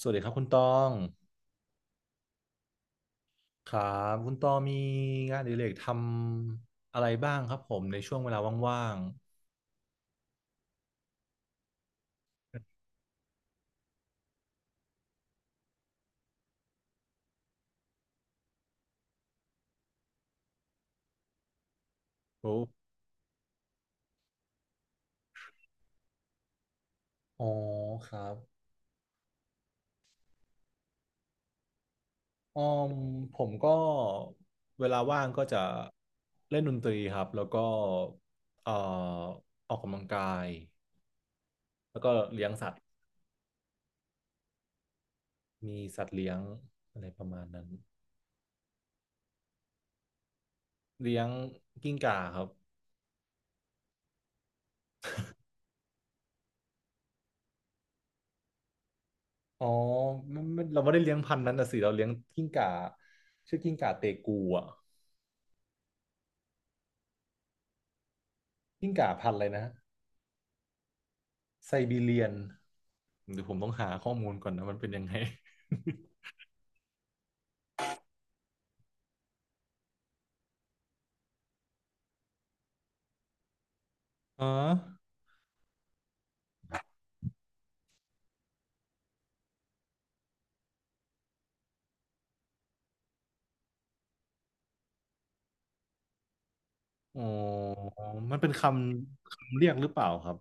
สวัสดีครับคุณตองครับคุณตองมีงานอดิเรกทำอะไรบ้างครับผมในช่วงเวลาว่างๆโอ้อ๋อครับอ๋อมผมก็เวลาว่างก็จะเล่นดนตรีครับแล้วก็เอ่อออกกำลังกายแล้วก็เลี้ยงสัตว์มีสัตว์เลี้ยงอะไรประมาณนั้นเลี้ยงกิ้งก่าครับอ๋อไม่เราไม่ได้เลี้ยงพันธุ์นั้นนะสิเราเลี้ยงกิ้งก่าชื่อกิ้งก่าเตกูอ่ะกิ้งก่าพันธุ์อะไรนะ ไซบีเรียนเดี๋ยวผมต้องหาข้อมูลก่อนนะมันเป็นยังไง อ๋ออ๋อมันเป็นคำคำเรียกหรือเปล่าครับ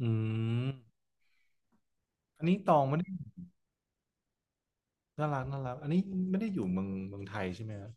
อืมอันนี้ตองไม่ได้น่ารักน่ารักอันนี้ไม่ได้อยู่เมืองไทยใช่ไหมครับ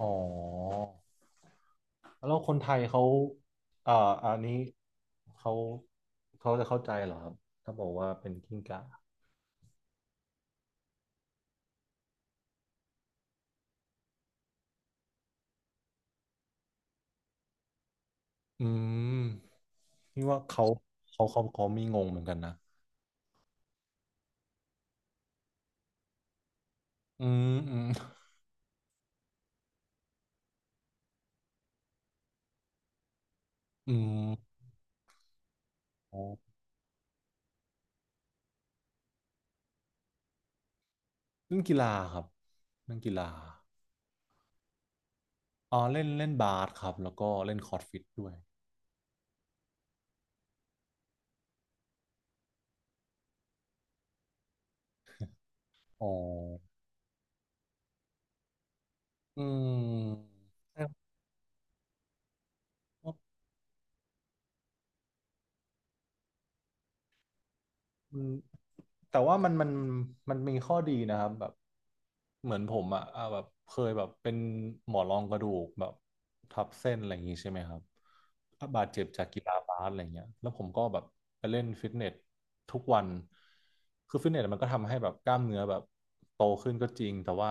อ๋อแล้วคนไทยเขาเอ่ออันนี้เขาเขาจะเข้าใจเหรอครับถ้าบอกว่าเป็นกิ้งก่าอืมนี่ว่าเขาเขามีงงเหมือนกันนะอืมอืมอืม เล่นกีฬาครับเล่นกีฬาอ๋อเล่นเล่นบาสครับแล้วก็เล่นคอร์ดฟิตด้วยอ๋ออืม อืมแต่ว่ามันมีข้อดีนะครับแบบเหมือนผมอะอ่ะแบบเคยแบบเป็นหมอนรองกระดูกแบบทับเส้นอะไรอย่างงี้ใช่ไหมครับบาดเจ็บจากกีฬาบาสอะไรเงี้ยแล้วผมก็แบบไปเล่นฟิตเนสทุกวันคือฟิตเนสมันก็ทำให้แบบกล้ามเนื้อแบบโตขึ้นก็จริงแต่ว่า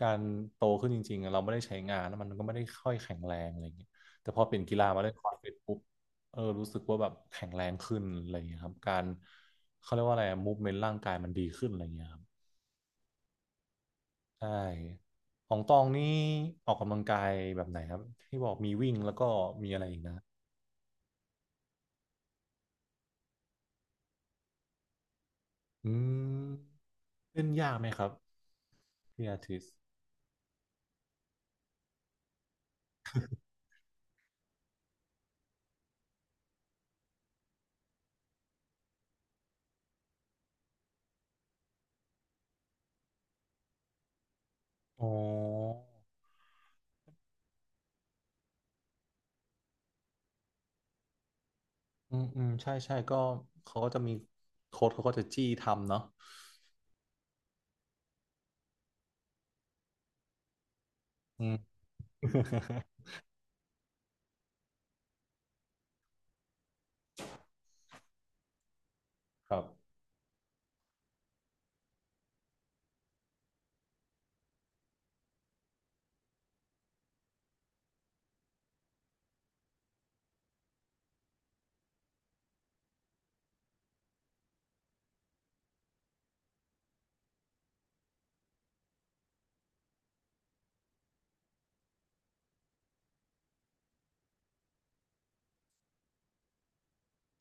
การโตขึ้นจริงๆอะเราไม่ได้ใช้งานแล้วมันก็ไม่ได้ค่อยแข็งแรงอะไรเงี้ยแต่พอเปลี่ยนกีฬามาเล่นคอร์ดฟิตปุ๊บเออรู้สึกว่าแบบแข็งแรงขึ้นอะไรอย่างเงี้ยครับการ เขาเรียกว่าอะไรมูฟเมนต์ร่างกายมันดีขึ้นอะไรเงี้ยครับใช่ของตองนี่ออกกำลังกายแบบไหนครับที่บอกมีวิ่งแล้วก็มีอะไรอีกนะอืมเล่นยากไหมครับพี่อาทิตย์อ๋ออืมอืมใช่ใช่ก็เขาก็จะมีโค้ดเขาก็จะจี้ทำเนาะอืม ครับ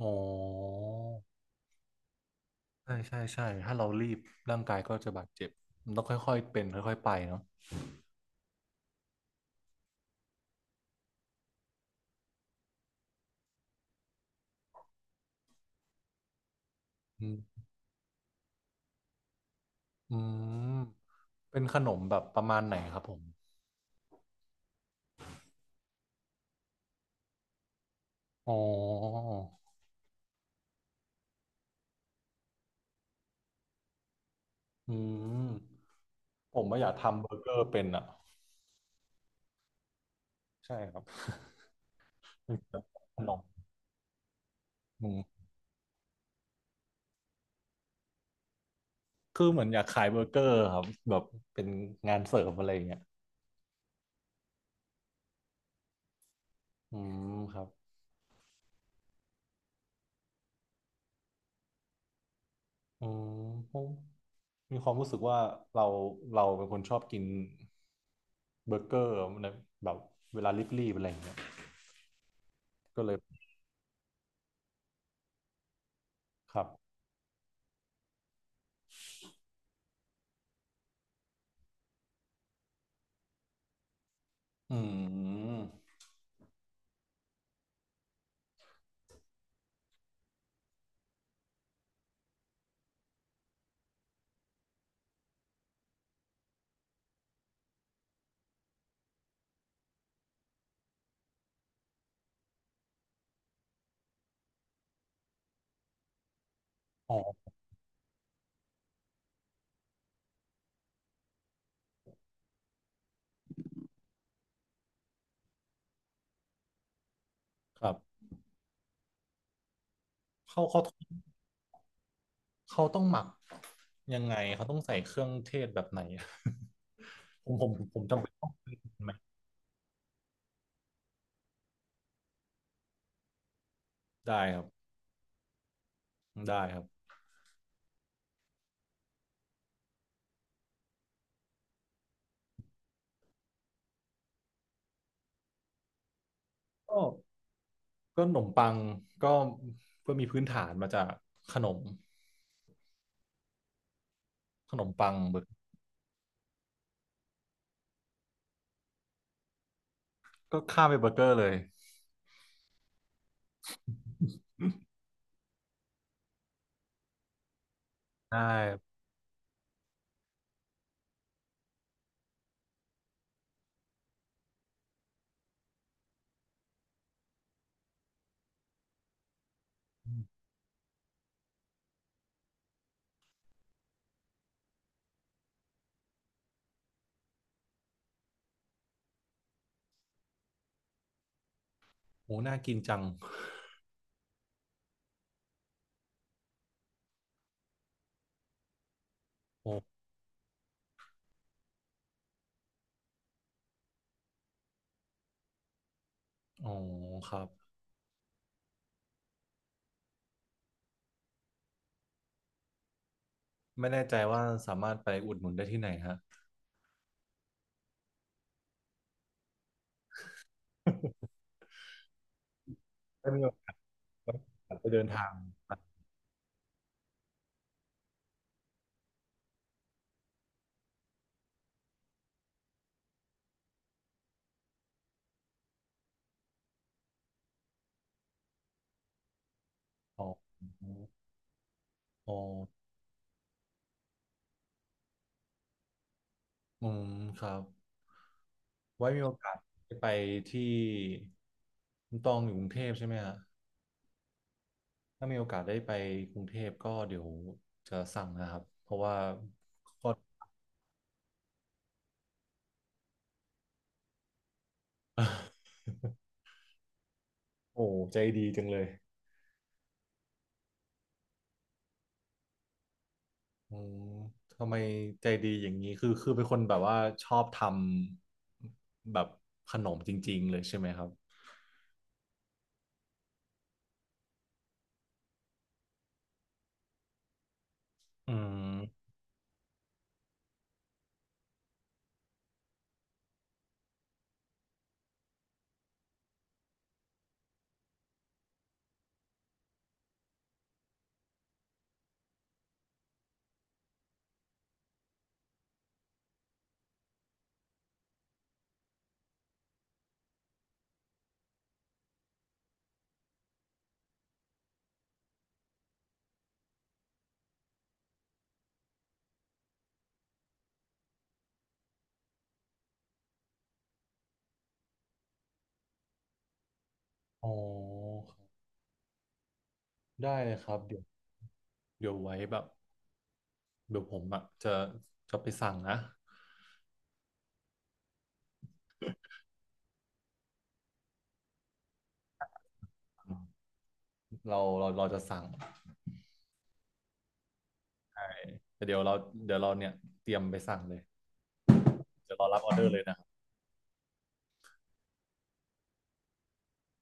อ๋อใช่ใช่ใช่ถ้าเรารีบร่างกายก็จะบาดเจ็บมันต้องค่อยๆเป็นค่อยๆไปเนาะอืมอืมเป็นขนมแบบประมาณไหนครับผม อ๋ออืมผมไม่าอยากทำเบอร์เกอร์เป็นอ่ะใช่ครับขนมอืมคือเหมือนอยากขายเบอร์เกอร์ครับแบบเป็นงานเสริมอะไรอย่างเงี้ยอืมครับอืมผมมีความรู้สึกว่าเราเราเป็นคนชอบกินเบอร์เกอร์นะแบบเวลารีบๆอะไรอย่างเงี้ยก็เลยครับอืมอ๋อครับเขาเขาเขาต้องหมักยังไงเขาต้องใส่เครื่องเทศแบบไหน ผมจำเป็นต้องซื้อไหมได้ครับได้ครับก็ก็ขนมปังก็เพื่อมีพื้นฐานมาจากขนมขนมปังเบอร์ก็ข้ามไปเบอร์เกอร์เลยได้โอ้น่ากินจังโอ้อ๋อครับไม่แน่ใจว่าสามารถไปอุดหนุนได้ที่ไหนฮะได้มีโอกาสไปเดินทางอ๋ออ๋ออืมครับไว้มีโอกาสไปที่คุณตองอยู่กรุงเทพใช่ไหมฮะ ถ้ามีโอกาสได้ไปกรุงเทพก็เดี๋ยวจะสั่งนะครับเพราะว่าก็ โอ้ใจดีจังเลยอืมทำไมใจดีอย่างนี้คือคือเป็นคนแบบว่าชอบทำแบบขนมจริงๆเลยใช่ไหมครับอืมอ๋อได้เลยครับเดี๋ยวเดี๋ยวไว้แบบเดี๋ยวผมอะจะจะไปสั่งนะอืมเราจะสั่งไปแต่เดี๋ยวเราเดี๋ยวเราเนี่ยเตรียมไปสั่งเลยเดี๋ยวเรารับออเดอร์เลยนะ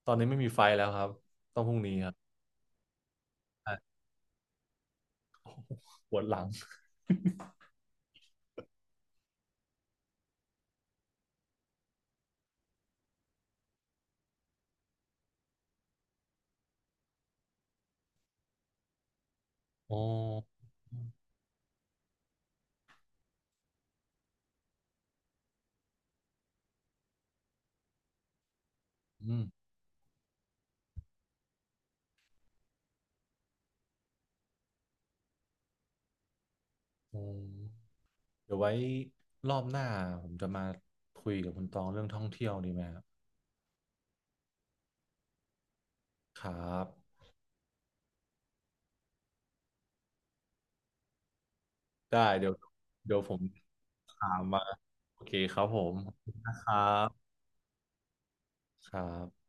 ตอนนี้ไม่มีไฟแล้วครับต้องพรุ่งนี้ครับอ่ะปวดหลังอ๋ออืมอืมเดี๋ยวไว้รอบหน้าผมจะมาคุยกับคุณตองเรื่องท่องเที่ยวดีไหมครับครับได้เดี๋ยวเดี๋ยวผมถามมาโอเคครับผมครับครับ